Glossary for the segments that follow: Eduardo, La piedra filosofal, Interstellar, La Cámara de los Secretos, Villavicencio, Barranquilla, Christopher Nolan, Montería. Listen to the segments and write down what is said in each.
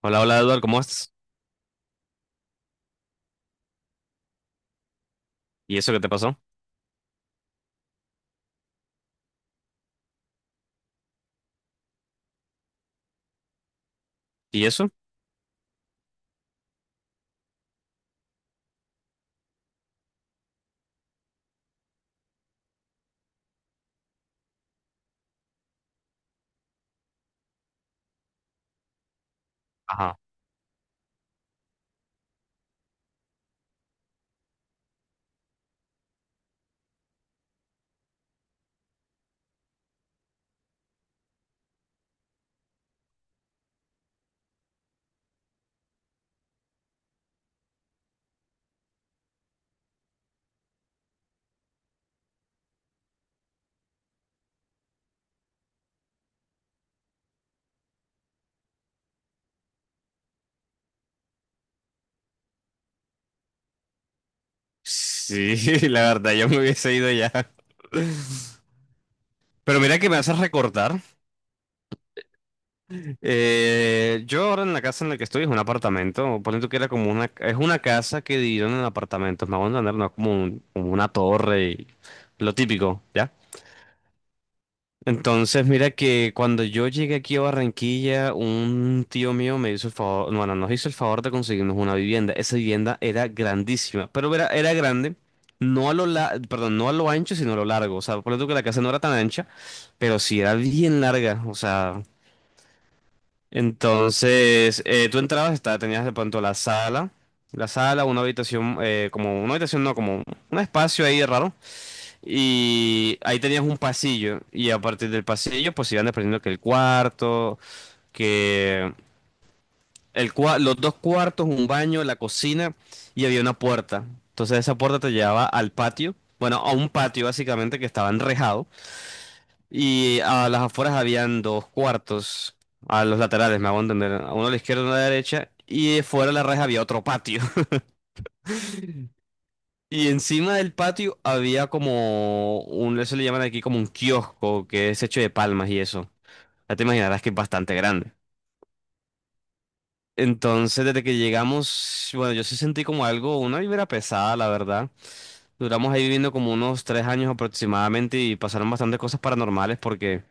Hola, hola Eduardo, ¿cómo estás? ¿Y eso qué te pasó? ¿Y eso? Ajá. Sí, la verdad, yo me hubiese ido ya. Pero mira que me haces recordar. Yo ahora en la casa en la que estoy es un apartamento. Ponle tú que era como una... Es una casa que dividieron en apartamentos. Me hago entender, no es como, como una torre y lo típico, ¿ya? Entonces, mira que cuando yo llegué aquí a Barranquilla, un tío mío me hizo el favor, bueno, nos hizo el favor de conseguirnos una vivienda. Esa vivienda era grandísima, pero era grande, no a perdón, no a lo ancho, sino a lo largo. O sea, por ejemplo que la casa no era tan ancha, pero sí era bien larga. O sea, entonces tú entrabas, estaba, tenías de pronto la sala, una habitación, como una habitación, no, como un espacio ahí raro. Y ahí tenías un pasillo. Y a partir del pasillo, pues iban desprendiendo que el cuarto, que los dos cuartos, un baño, la cocina y había una puerta. Entonces esa puerta te llevaba al patio. Bueno, a un patio básicamente que estaba enrejado. Y a las afueras habían dos cuartos. A los laterales, me hago entender. A Uno a la izquierda y uno a la derecha. Y fuera de la reja había otro patio. Y encima del patio había como un, eso le llaman aquí como un kiosco que es hecho de palmas y eso. Ya te imaginarás que es bastante grande. Entonces, desde que llegamos, bueno, yo sí sentí como algo, una vibra pesada, la verdad. Duramos ahí viviendo como unos tres años aproximadamente y pasaron bastantes cosas paranormales porque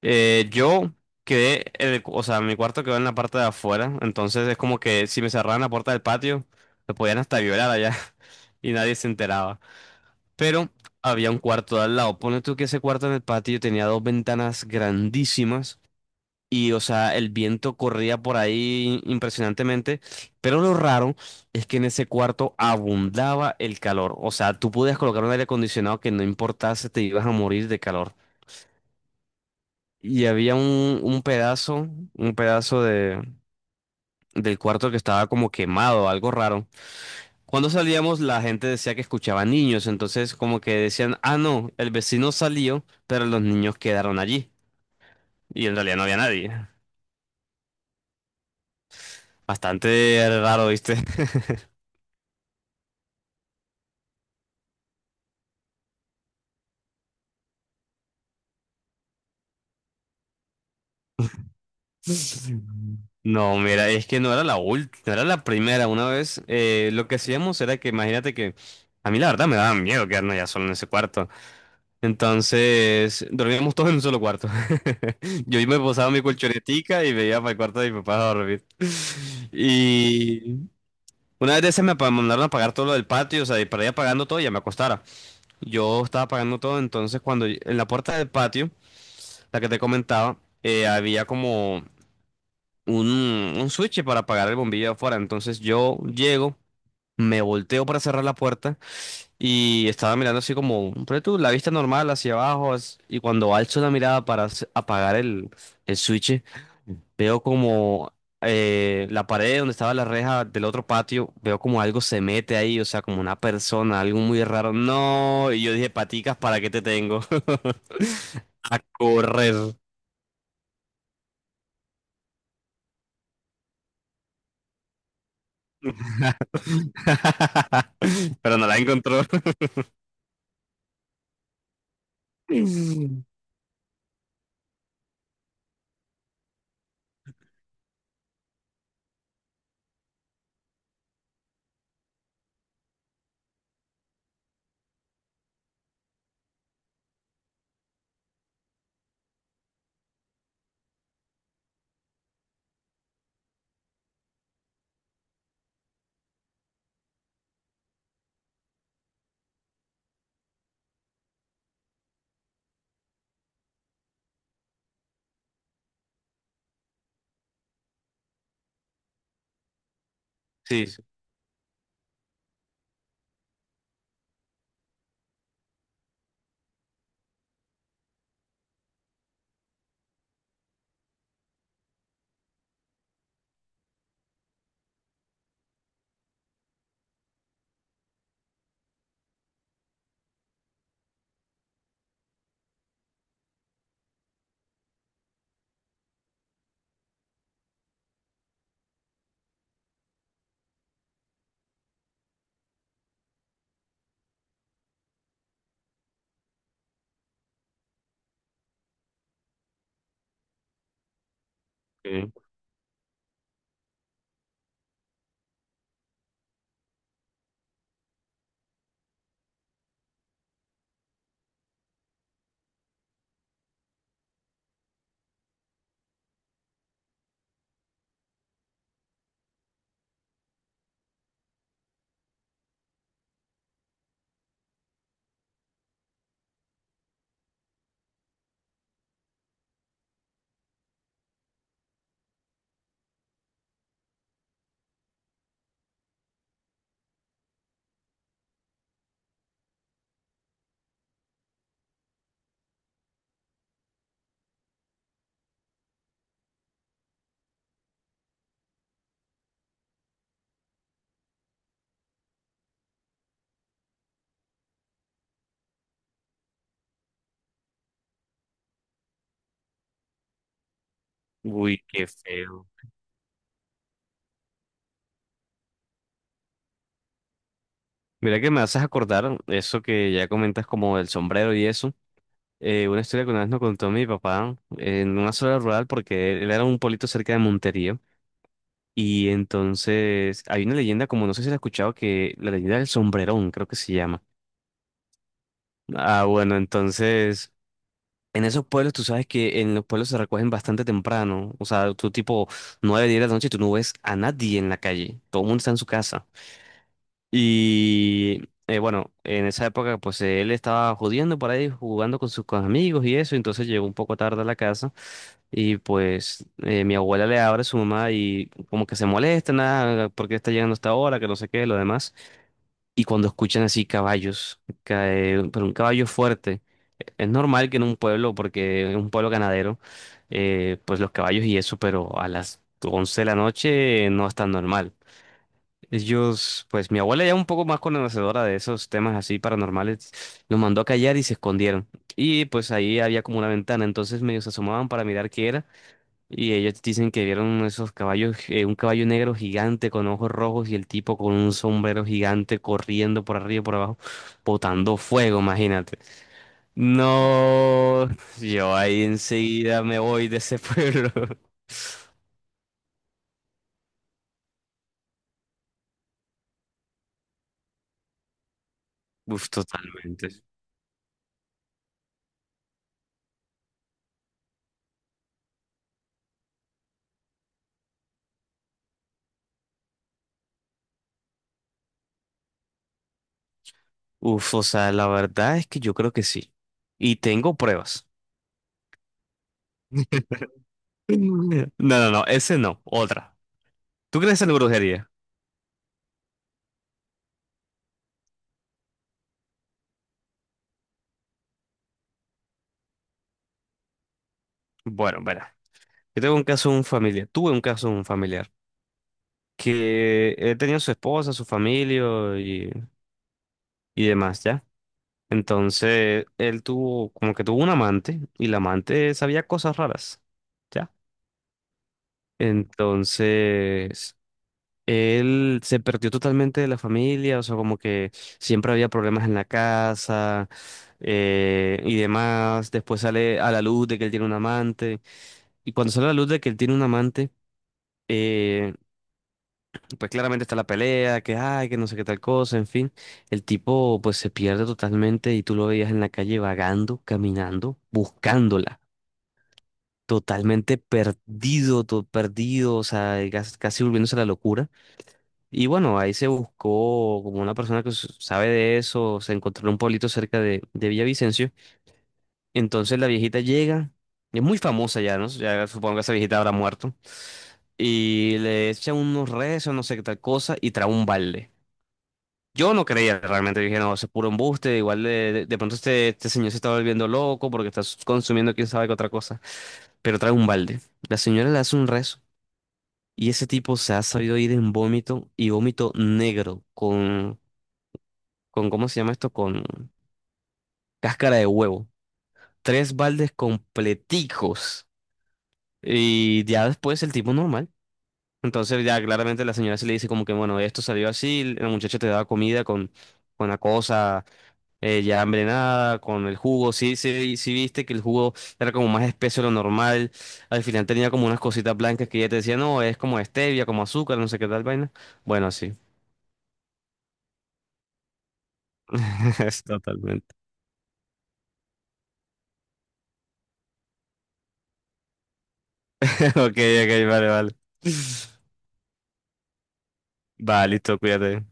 yo quedé, en o sea, mi cuarto quedó en la parte de afuera, entonces es como que si me cerraran la puerta del patio, me podían hasta violar allá y nadie se enteraba. Pero había un cuarto de al lado. Pone tú que ese cuarto en el patio tenía dos ventanas grandísimas. Y, o sea, el viento corría por ahí impresionantemente. Pero lo raro es que en ese cuarto abundaba el calor. O sea, tú podías colocar un aire acondicionado que no importase, te ibas a morir de calor. Y había un pedazo, un pedazo del cuarto que estaba como quemado, algo raro. Cuando salíamos, la gente decía que escuchaba niños. Entonces, como que decían, ah, no, el vecino salió, pero los niños quedaron allí. Y en realidad no había nadie. Bastante raro, ¿viste? No, mira, es que no era la última, no era la primera. Una vez lo que hacíamos era que, imagínate que a mí la verdad me daba miedo quedarnos ya solo en ese cuarto. Entonces dormíamos todos en un solo cuarto. Yo me posaba mi colchonetica y me iba para el cuarto de mi papá a dormir. Y una vez de esas mandaron a pagar todo lo del patio, o sea, y para ir pagando todo ya me acostara. Yo estaba pagando todo, entonces cuando en la puerta del patio, la que te comentaba, había como un switch para apagar el bombillo de afuera. Entonces yo llego, me volteo para cerrar la puerta y estaba mirando así como, pero tú, la vista normal hacia abajo y cuando alzo la mirada para apagar el switch, veo como la pared donde estaba la reja del otro patio, veo como algo se mete ahí, o sea, como una persona, algo muy raro. No, y yo dije, paticas, ¿para qué te tengo? A correr. Pero no la encontró. Sí, sí. Ok. Uy, qué feo. Mira que me haces acordar eso que ya comentas como el sombrero y eso. Una historia que una vez nos contó mi papá en una zona rural porque él era un pueblito cerca de Montería. Y entonces hay una leyenda, como no sé si la has escuchado, que la leyenda del sombrerón, creo que se llama. Ah, bueno, entonces en esos pueblos tú sabes que en los pueblos se recogen bastante temprano. O sea, tú tipo 9 10 de la noche y tú no ves a nadie en la calle. Todo el mundo está en su casa. Y bueno, en esa época pues él estaba jodiendo por ahí, jugando con sus con amigos y eso, entonces llegó un poco tarde a la casa y pues mi abuela le abre a su mamá y como que se molesta, nada, porque está llegando hasta ahora, que no sé qué, lo demás. Y cuando escuchan así caballos, pero un caballo fuerte, es normal que en un pueblo, porque es un pueblo ganadero, pues los caballos y eso, pero a las 11 de la noche no es tan normal. Ellos, pues mi abuela ya un poco más conocedora de esos temas así paranormales, los mandó a callar y se escondieron. Y pues ahí había como una ventana, entonces medio se asomaban para mirar qué era. Y ellos dicen que vieron esos caballos, un caballo negro gigante con ojos rojos y el tipo con un sombrero gigante corriendo por arriba y por abajo, botando fuego, imagínate. No, yo ahí enseguida me voy de ese pueblo. Uf, totalmente. Uf, o sea, la verdad es que yo creo que sí. Y tengo pruebas. No, no, no, ese no, otra. ¿Tú crees en la brujería? Bueno, verá. Yo tengo un caso de un familiar, tuve un caso de un familiar que él tenía su esposa, su familia y, y demás, ¿ya? Entonces, él tuvo, como que tuvo un amante y la amante sabía cosas raras, ¿ya? Entonces, él se perdió totalmente de la familia, o sea, como que siempre había problemas en la casa y demás. Después sale a la luz de que él tiene un amante. Y cuando sale a la luz de que él tiene un amante, eh, pues claramente está la pelea, que ay, que no sé qué tal cosa, en fin. El tipo pues se pierde totalmente y tú lo veías en la calle vagando, caminando, buscándola. Totalmente perdido, todo perdido, o sea, casi volviéndose a la locura. Y bueno, ahí se buscó como una persona que sabe de eso, se encontró en un pueblito cerca de Villavicencio. Entonces la viejita llega, es muy famosa ya, ¿no? Ya supongo que esa viejita habrá muerto. Y le echa unos rezos, no sé qué tal cosa, y trae un balde. Yo no creía realmente, dije, no, eso es puro embuste, igual de pronto este señor se está volviendo loco porque está consumiendo quién sabe qué otra cosa. Pero trae un balde. La señora le hace un rezo. Y ese tipo se ha sabido ir en vómito y vómito negro, con ¿cómo se llama esto? Con cáscara de huevo. Tres baldes completicos. Y ya después el tipo normal. Entonces ya claramente la señora se le dice como que, bueno, esto salió así, la muchacha te daba comida con la cosa ya envenenada, con el jugo. Sí, sí, sí viste que el jugo era como más espeso de lo normal. Al final tenía como unas cositas blancas que ella te decía, no, es como stevia, como azúcar, no sé qué tal vaina. Bueno, sí. Es totalmente. Ok, ok, vale, vale. Va, listo, cuídate.